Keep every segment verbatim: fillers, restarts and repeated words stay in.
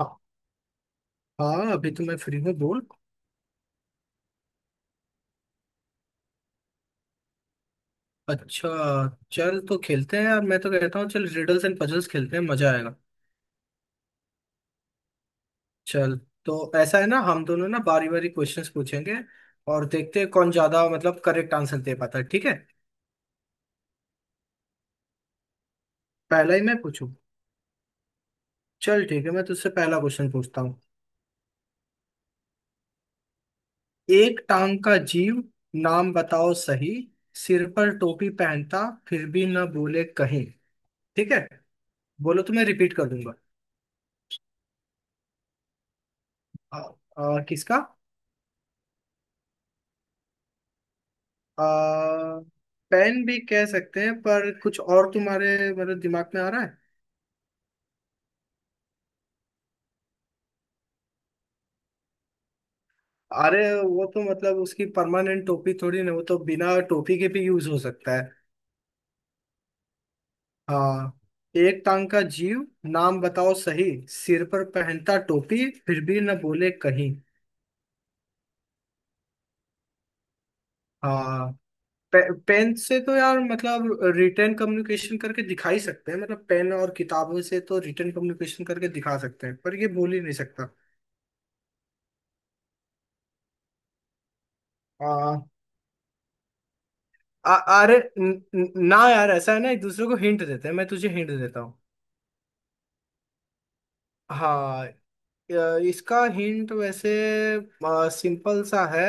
हाँ हाँ, अभी तो मैं फ्री हूँ, बोल। अच्छा। चल, तो खेलते हैं यार, मैं तो कहता हूँ चल रिडल्स एंड पजल्स खेलते हैं, मजा आएगा। चल। तो ऐसा है ना, हम दोनों ना बारी बारी क्वेश्चंस पूछेंगे और देखते हैं कौन ज्यादा मतलब करेक्ट आंसर दे पाता है, ठीक है। पहला ही मैं पूछूं? चल ठीक है, मैं तुझसे पहला क्वेश्चन पूछता हूँ। एक टांग का जीव नाम बताओ सही, सिर पर टोपी पहनता फिर भी ना बोले कहीं। ठीक है, बोलो तो मैं रिपीट कर दूंगा। आ, आ, किसका? आ, पेन भी कह सकते हैं, पर कुछ और तुम्हारे मतलब दिमाग में आ रहा है। अरे वो तो मतलब उसकी परमानेंट टोपी थोड़ी ना, वो तो बिना टोपी के भी यूज हो सकता है। हाँ। एक टांग का जीव नाम बताओ सही, सिर पर पहनता टोपी फिर भी न बोले कहीं। हाँ। पे, पेन से तो यार मतलब रिटर्न कम्युनिकेशन करके दिखा ही सकते हैं, मतलब पेन और किताबों से तो रिटर्न कम्युनिकेशन करके दिखा सकते हैं पर ये बोल ही नहीं सकता। हाँ। आ- अरे न- न- ना यार, ऐसा है ना एक दूसरे को हिंट देते हैं, मैं तुझे हिंट देता हूँ। हाँ। अ, इसका हिंट वैसे सिंपल सा है।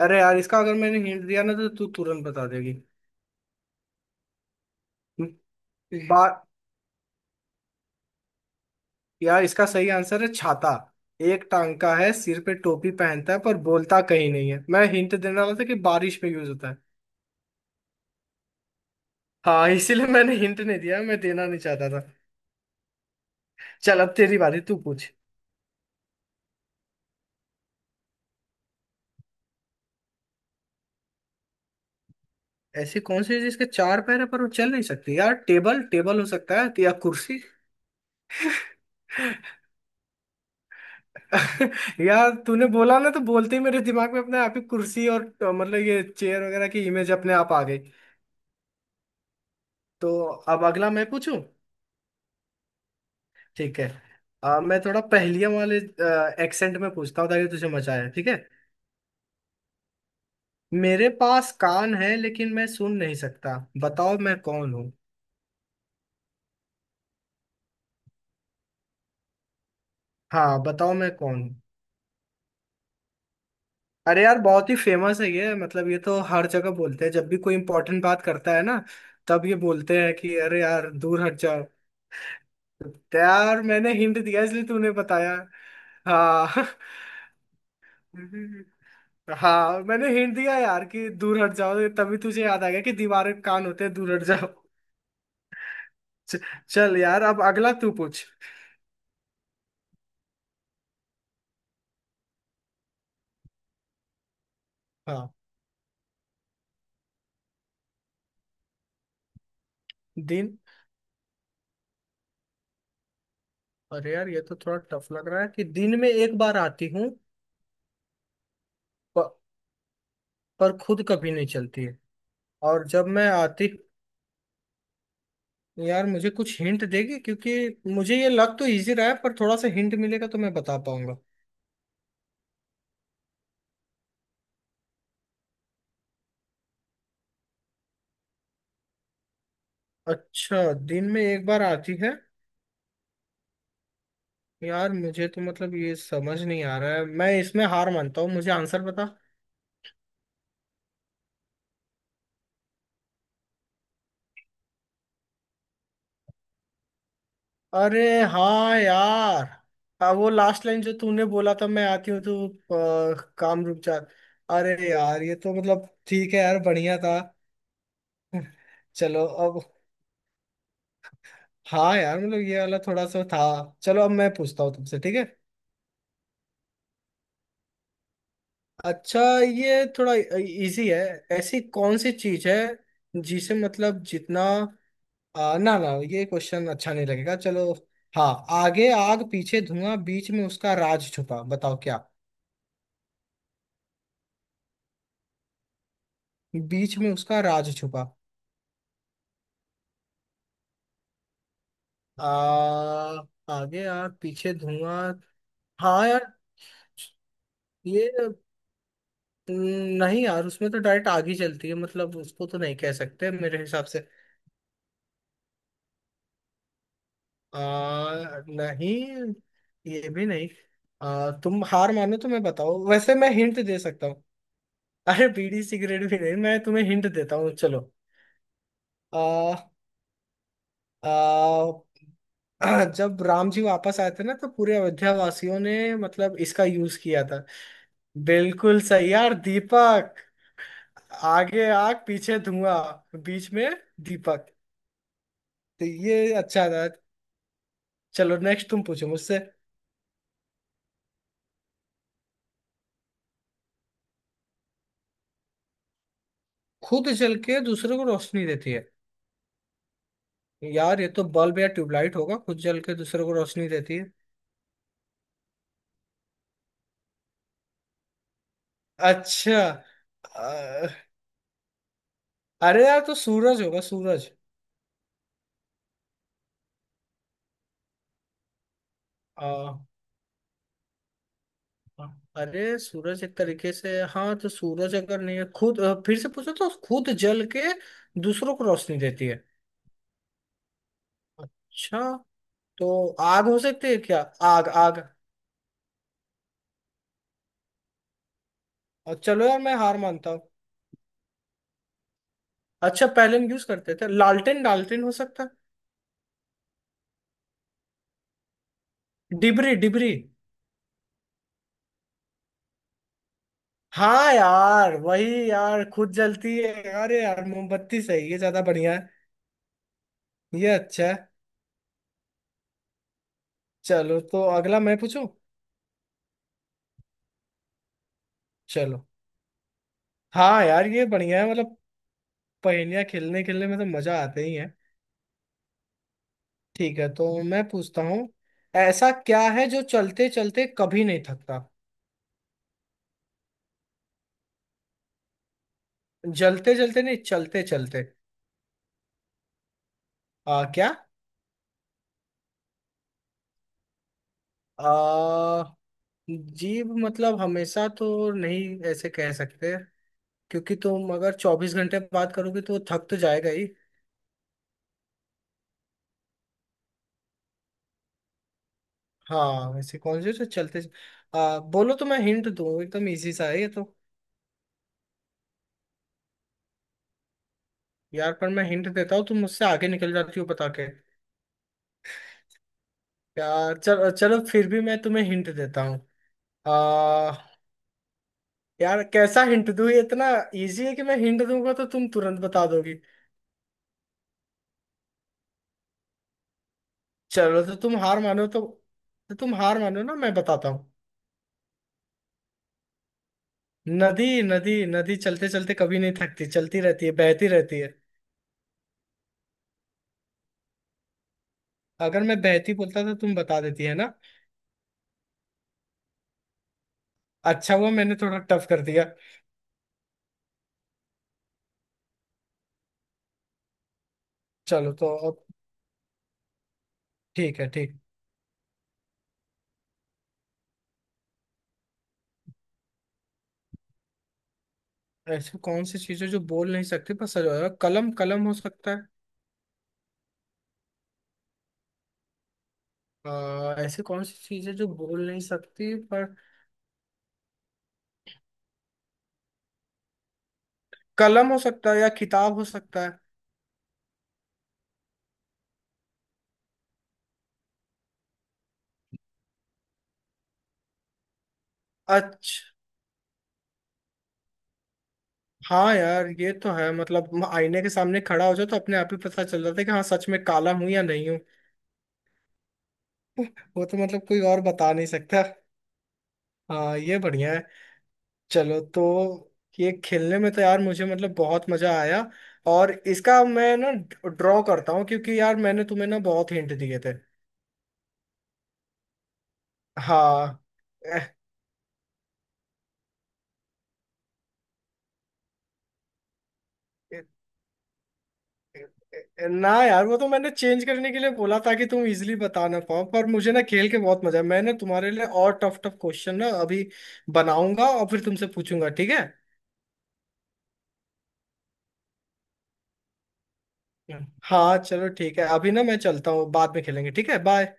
अरे यार, इसका अगर मैंने हिंट दिया ना तो तू तुरंत बता देगी। बात। यार, इसका सही आंसर है छाता। एक टांग का है, सिर पे टोपी पहनता है, पर बोलता कहीं नहीं है। मैं हिंट देने वाला था कि बारिश में यूज होता है। हाँ, इसीलिए मैंने हिंट नहीं दिया, मैं देना नहीं चाहता था। चल, अब तेरी बारी, तू पूछ। ऐसी कौन सी है जिसके चार पैर है पर वो चल नहीं सकती? यार टेबल टेबल हो सकता है या कुर्सी। यार तूने बोला ना, तो बोलते ही मेरे दिमाग में अपने आप ही कुर्सी और अ, मतलब ये चेयर वगैरह की इमेज अपने आप आ गई। तो अब अगला मैं पूछूं? ठीक है। अ, मैं थोड़ा पहेलियां वाले एक्सेंट में पूछता हूँ ताकि तुझे मजा आए, ठीक है। मेरे पास कान है लेकिन मैं सुन नहीं सकता, बताओ मैं कौन हूँ? हाँ, बताओ मैं कौन। अरे यार बहुत ही फेमस है ये, मतलब ये तो हर जगह बोलते हैं, जब भी कोई इंपॉर्टेंट बात करता है ना तब ये बोलते हैं कि अरे यार दूर हट जाओ। तो यार, मैंने हिंट दिया इसलिए तूने बताया। हाँ। हाँ मैंने हिंट दिया यार कि दूर हट जाओ, तभी तुझे याद आ गया कि दीवार के कान होते हैं दूर हट जाओ। च- चल यार, अब अगला तू पूछ। हाँ। दिन। अरे यार ये तो थोड़ा टफ लग रहा है कि दिन में एक बार आती हूँ। प- पर खुद कभी नहीं चलती है। और जब मैं आती, यार मुझे कुछ हिंट देगी क्योंकि मुझे ये लग तो इजी रहा है, पर थोड़ा सा हिंट मिलेगा तो मैं बता पाऊंगा। अच्छा, दिन में एक बार आती है। यार मुझे तो मतलब ये समझ नहीं आ रहा है, मैं इसमें हार मानता हूँ, मुझे आंसर बता। अरे। हाँ यार। हाँ, वो लास्ट लाइन जो तूने बोला था, मैं आती हूँ तो अ, काम रुक जा। अरे यार ये तो मतलब ठीक है यार, बढ़िया था। चलो अब। हाँ यार, मतलब ये वाला थोड़ा सा था। चलो अब मैं पूछता हूँ तुमसे, ठीक है। अच्छा, ये थोड़ा इजी है। ऐसी कौन सी चीज है जिसे मतलब जितना, आ, ना ना ये क्वेश्चन अच्छा नहीं लगेगा, चलो। हाँ। आगे आग पीछे धुआं, बीच में उसका राज छुपा, बताओ क्या? बीच में उसका राज छुपा। आ, आगे आग पीछे धुआं। हाँ यार ये न- नहीं यार उसमें तो डायरेक्ट आग ही चलती है, मतलब उसको तो नहीं कह सकते मेरे हिसाब से। आ, नहीं, ये भी नहीं। आ, तुम हार मानो तो मैं बताओ, वैसे मैं हिंट दे सकता हूँ। अरे बीड़ी सिगरेट भी नहीं, मैं तुम्हें हिंट देता हूँ, चलो। आ, आ, जब राम जी वापस आए थे ना तो पूरे अयोध्या वासियों ने मतलब इसका यूज किया था। बिल्कुल सही यार, दीपक। आगे आग पीछे धुआं बीच में दीपक। तो ये अच्छा था। चलो नेक्स्ट तुम पूछो मुझसे। खुद जल के दूसरे को रोशनी देती है? यार ये तो बल्ब या ट्यूबलाइट होगा, खुद जल के दूसरे को रोशनी देती है। अच्छा। अ, अरे यार तो सूरज होगा, सूरज। अ, अरे सूरज एक तरीके से, हाँ। तो सूरज अगर नहीं है, खुद अ, फिर से पूछो, तो खुद जल के दूसरों को रोशनी देती है। अच्छा। तो आग हो सकती है क्या? आग आग। अ, चलो यार, मैं हार मानता हूँ। अच्छा, पहले हम यूज करते थे लालटेन, लालटेन हो सकता है। डिबरी डिबरी? हाँ यार वही यार, खुद जलती है यार, ये यार मोमबत्ती सही है, ज्यादा बढ़िया है। ये अच्छा है। चलो तो अगला मैं पूछूं। चलो। हाँ यार ये बढ़िया है, मतलब पहेलियां खेलने खेलने में तो मजा आते ही है। ठीक है, तो मैं पूछता हूँ। ऐसा क्या है जो चलते चलते कभी नहीं थकता? जलते जलते नहीं, चलते चलते। आ क्या? आ जीभ मतलब हमेशा तो नहीं ऐसे कह सकते, क्योंकि तुम अगर चौबीस घंटे बात करोगे तो वो थक तो जाएगा ही। हाँ वैसे कौन से से चलते। आ, बोलो तो मैं हिंट दूँ, एकदम इजी सा है ये तो। यार पर मैं हिंट देता हूँ तुम मुझसे आगे निकल जाती हो बता के। यार चल, चलो फिर भी मैं तुम्हें हिंट देता हूँ। आ यार कैसा हिंट दूँ, ये इतना इजी है कि मैं हिंट दूंगा तो तुम तुरंत बता दोगी। चलो तो तुम हार मानो तो, तो तुम हार मानो ना मैं बताता हूँ। नदी। नदी नदी चलते चलते कभी नहीं थकती, चलती रहती है, बहती रहती है। अगर मैं बहती बोलता तो तुम बता देती है ना। अच्छा हुआ मैंने थोड़ा टफ कर दिया। चलो तो अब। ठीक है, ठीक। ऐसी कौन सी चीजें जो बोल नहीं सकती पर सजा होगा? कलम कलम हो सकता है। आ, ऐसी कौन सी चीजें जो बोल नहीं सकती पर, कलम हो सकता है या किताब हो सकता है। अच्छा। हाँ यार ये तो है, मतलब म- आईने के सामने खड़ा हो जाओ तो अपने आप ही पता चल जाता है कि हाँ सच में काला हूँ या नहीं हूँ। वो तो मतलब कोई और बता नहीं सकता। हाँ ये बढ़िया है। चलो तो, ये खेलने में तो यार मुझे मतलब बहुत मजा आया, और इसका मैं ना ड्रॉ करता हूँ, क्योंकि यार मैंने तुम्हें ना बहुत हिंट दिए थे। हाँ। एह, एह, एह, ना यार, वो तो मैंने चेंज करने के लिए बोला ताकि तुम इजीली बता ना पाओ, पर मुझे ना खेल के बहुत मजा है, मैंने तुम्हारे लिए और टफ टफ क्वेश्चन ना अभी बनाऊंगा और फिर तुमसे पूछूंगा, ठीक है। हाँ चलो ठीक है, अभी ना मैं चलता हूँ, बाद में खेलेंगे, ठीक है, बाय।